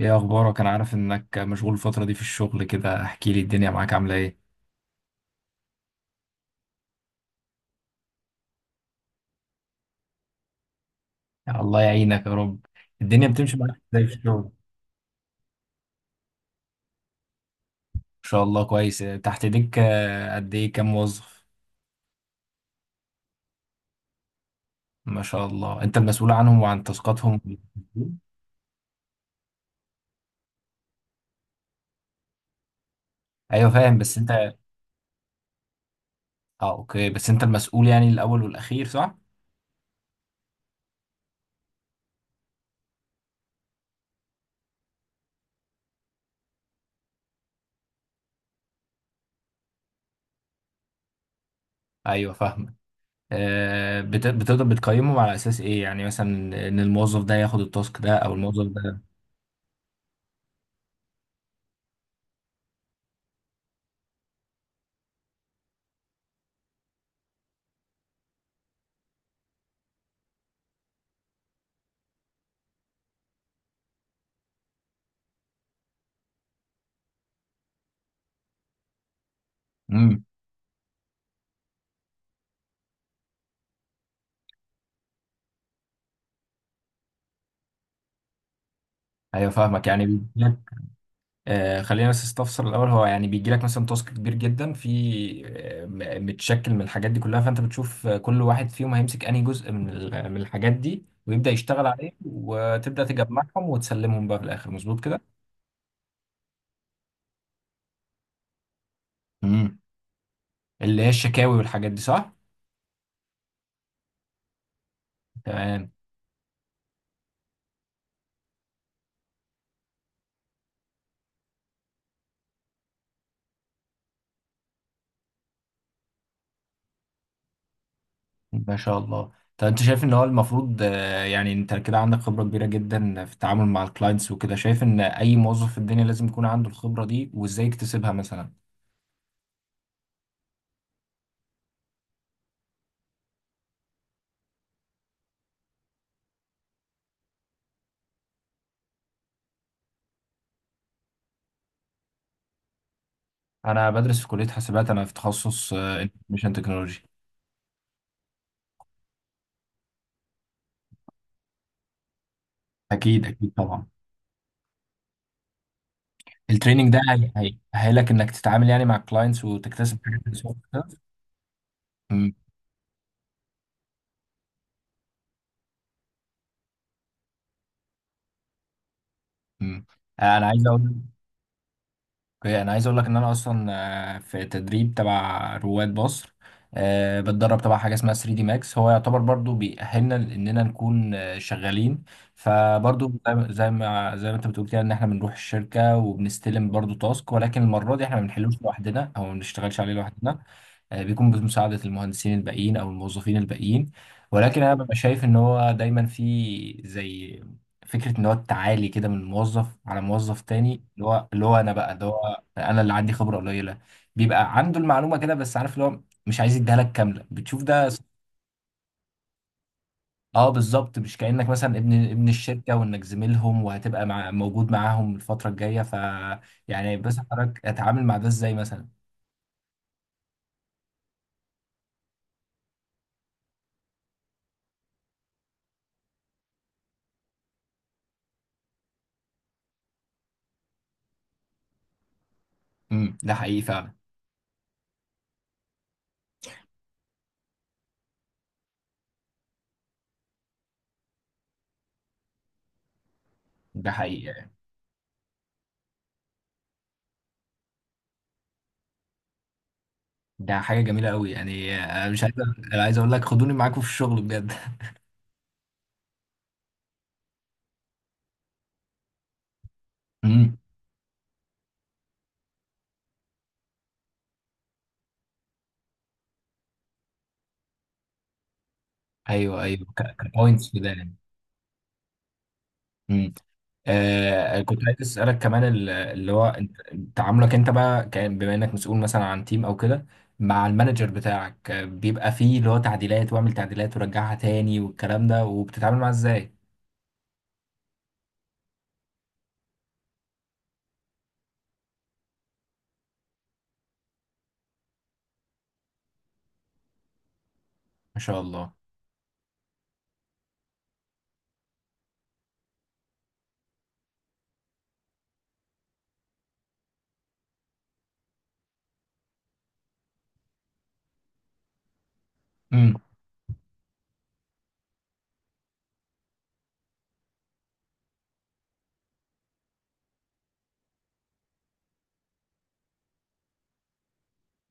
ايه اخبارك؟ انا عارف انك مشغول الفترة دي في الشغل كده. احكي لي الدنيا معاك عاملة ايه؟ يا الله يعينك يا رب. الدنيا بتمشي معاك ازاي في الشغل؟ ان شاء الله كويس تحت ايديك. قد ايه، كام موظف؟ ما شاء الله، انت المسؤول عنهم وعن تاسكاتهم. ايوه فاهم، بس انت... اه، اوكي، بس انت المسؤول يعني الاول والاخير، صح؟ ايوه فاهمك. بتقدر بتقيمهم على اساس ايه يعني؟ مثلا ان الموظف ده ياخد التاسك ده او الموظف ده. امم. ايوه فاهمك يعني. خلينا بس استفسر الاول. هو يعني بيجي لك مثلا تاسك كبير جدا في متشكل من الحاجات دي كلها، فانت بتشوف كل واحد فيهم هيمسك انهي جزء من من الحاجات دي، ويبدا يشتغل عليه، وتبدا تجمعهم وتسلمهم بقى في الاخر، مظبوط كده؟ امم. اللي هي الشكاوي والحاجات دي، صح. تمام. ما شاء الله. طب انت شايف ان هو المفروض يعني انت كده عندك خبره كبيره جدا في التعامل مع الكلاينتس وكده، شايف ان اي موظف في الدنيا لازم يكون عنده الخبره دي؟ وازاي يكتسبها مثلا؟ انا بدرس في كليه حاسبات، انا في تخصص انفورميشن تكنولوجي. اكيد اكيد طبعا. التريننج ده هيأهلك انك تتعامل يعني مع الكلاينتس، وتكتسب حاجات من السوفت سكيلز. أمم. أمم. انا عايز اقول... أوكي، انا عايز اقول لك ان انا اصلا في تدريب تبع رواد مصر. بتدرب تبع حاجه اسمها 3 دي ماكس، هو يعتبر برضو بيأهلنا اننا نكون شغالين. فبرضو زي ما انت بتقول كده، ان احنا بنروح الشركه وبنستلم برضو تاسك، ولكن المره دي احنا ما بنحلوش لوحدنا او ما بنشتغلش عليه لوحدنا. بيكون بمساعدة المهندسين الباقيين أو الموظفين الباقيين. ولكن أنا ببقى شايف إن هو دايما في زي فكرة إن هو التعالي كده من موظف على موظف تاني، اللي هو أنا بقى، اللي هو أنا اللي عندي خبرة قليلة، بيبقى عنده المعلومة كده، بس عارف اللي هو مش عايز يديها لك كاملة. بتشوف ده اه، بالظبط. مش كأنك مثلا ابن الشركة، وإنك زميلهم وهتبقى مع... موجود معاهم الفترة الجاية يعني. بس حضرتك اتعامل مع ده ازاي مثلا؟ امم. ده حقيقي فعلا. ده حقيقي يعني. ده حاجة جميلة قوي يعني. مش عايز... أنا عايز اقول لك، خدوني معاكم في الشغل بجد. امم. ايوه ايوه، كبوينتس كده يعني. امم. كنت عايز اسالك كمان اللي هو تعاملك انت بقى بما انك مسؤول مثلا عن تيم او كده، مع المانجر بتاعك. بيبقى فيه اللي هو تعديلات، واعمل تعديلات ورجعها تاني والكلام ده، وبتتعامل معاه ازاي؟ ما شاء الله. امم.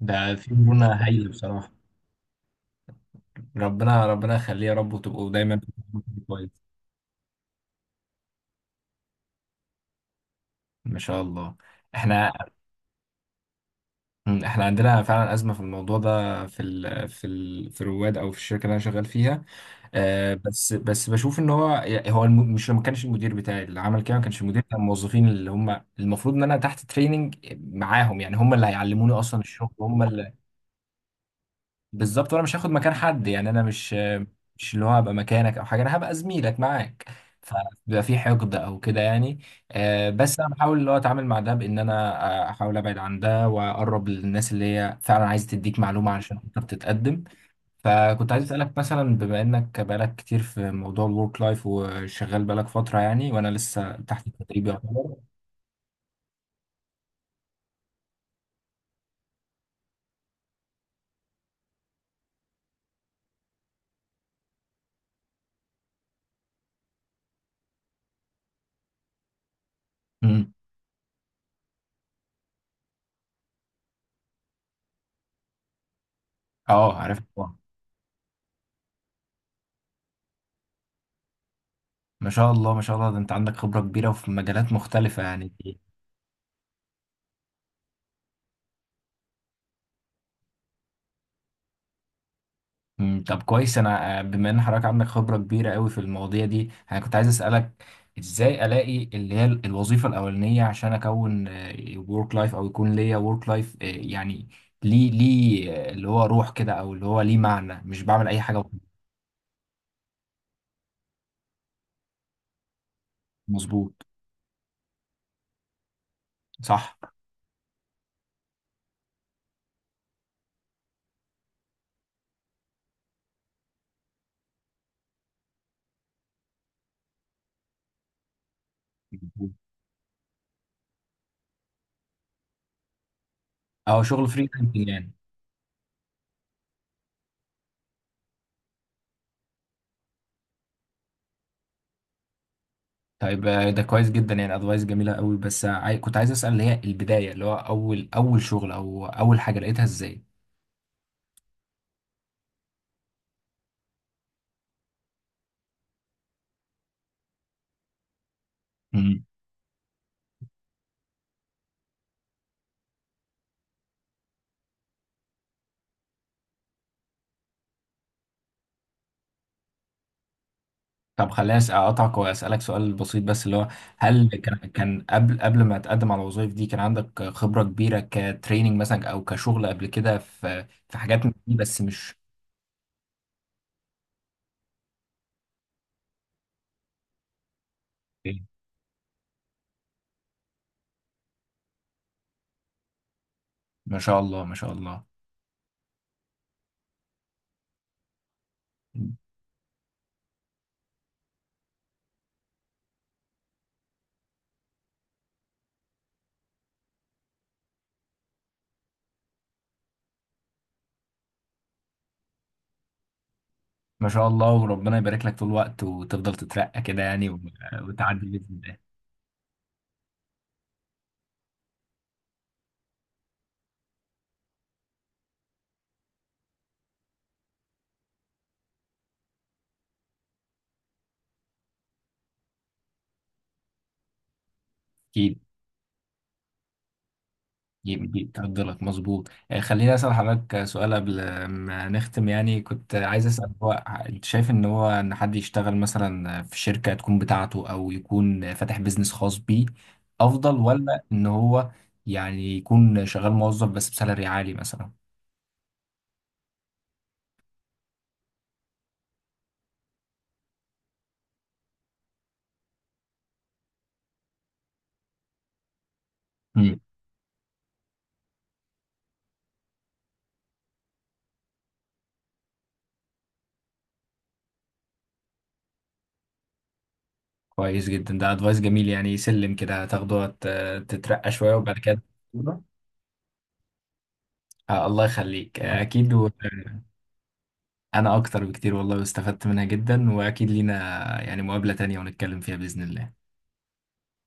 ده في مرونة هايلة بصراحة. ربنا ربنا يخليه يا رب، وتبقوا دايما بتتعاملوا كويس. ما شاء الله. احنا... احنا عندنا فعلا ازمه في الموضوع ده، في ال في رواد او في الشركه اللي انا شغال فيها. بس بس بشوف ان هو، يعني هو مش ما كانش المدير بتاعي اللي عمل كده. ما كانش المدير، كان الموظفين اللي هم المفروض ان انا تحت تريننج معاهم، يعني هم اللي هيعلموني اصلا الشغل، هم. بالظبط، وانا مش هاخد مكان حد، يعني انا مش... مش اللي هو هبقى مكانك او حاجه، انا هبقى زميلك معاك. فبيبقى في حقد او كده يعني. بس انا بحاول اللي هو اتعامل مع ده بان انا احاول ابعد عن ده، واقرب للناس اللي هي فعلا عايزه تديك معلومه علشان تقدر تتقدم. فكنت عايز اسالك مثلا، بما انك بقالك كتير في موضوع الورك لايف وشغال بقالك فتره يعني، وانا لسه تحت التدريب يعتبر. امم. اه عارف طبعا. ما شاء الله ما شاء الله، ده انت عندك خبره كبيره وفي مجالات مختلفه يعني. طب كويس. انا بما ان حضرتك عندك خبره كبيره قوي في المواضيع دي، انا كنت عايز اسالك ازاي الاقي اللي هي الوظيفه الاولانيه عشان اكون ورك لايف، او يكون ليا ورك لايف يعني. ليه اللي هو روح كده، او اللي هو ليه معنى، مش بعمل اي حاجه وخلاص. مظبوط. صح. مظبوط. اه، شغل فري يعني. طيب ده كويس جدا يعني، ادفايس جميله قوي. بس كنت عايز اسال اللي هي البدايه، اللي هو اول شغل او اول حاجه لقيتها ازاي؟ طب خليني اقطعك واسالك سؤال بسيط، بس اللي هو هل كان قبل ما تقدم على الوظائف دي، كان عندك خبره كبيره كتريننج مثلا او كشغل قبل كده في حاجات من دي، بس مش... ما شاء الله. ما شاء الله ما شاء الله، وربنا يبارك لك طول الوقت، وتفضل تترقى كده يعني وتعدي باذن الله. اكيد. جيب تفضلك مظبوط. خليني اسال حضرتك سؤال قبل ما نختم، يعني كنت عايز اسال، هو انت شايف ان هو ان حد يشتغل مثلا في شركه تكون بتاعته، او يكون فاتح بيزنس خاص بيه افضل، ولا ان هو يعني يكون شغال موظف بس بسالري عالي مثلا؟ امم. كويس جدا، ده ادفايس جميل يعني. سلم كده تاخده تترقى شويه وبعد كده... الله يخليك. اكيد. انا اكتر بكتير والله، واستفدت منها جدا، واكيد لينا يعني مقابلة تانية ونتكلم فيها بإذن الله.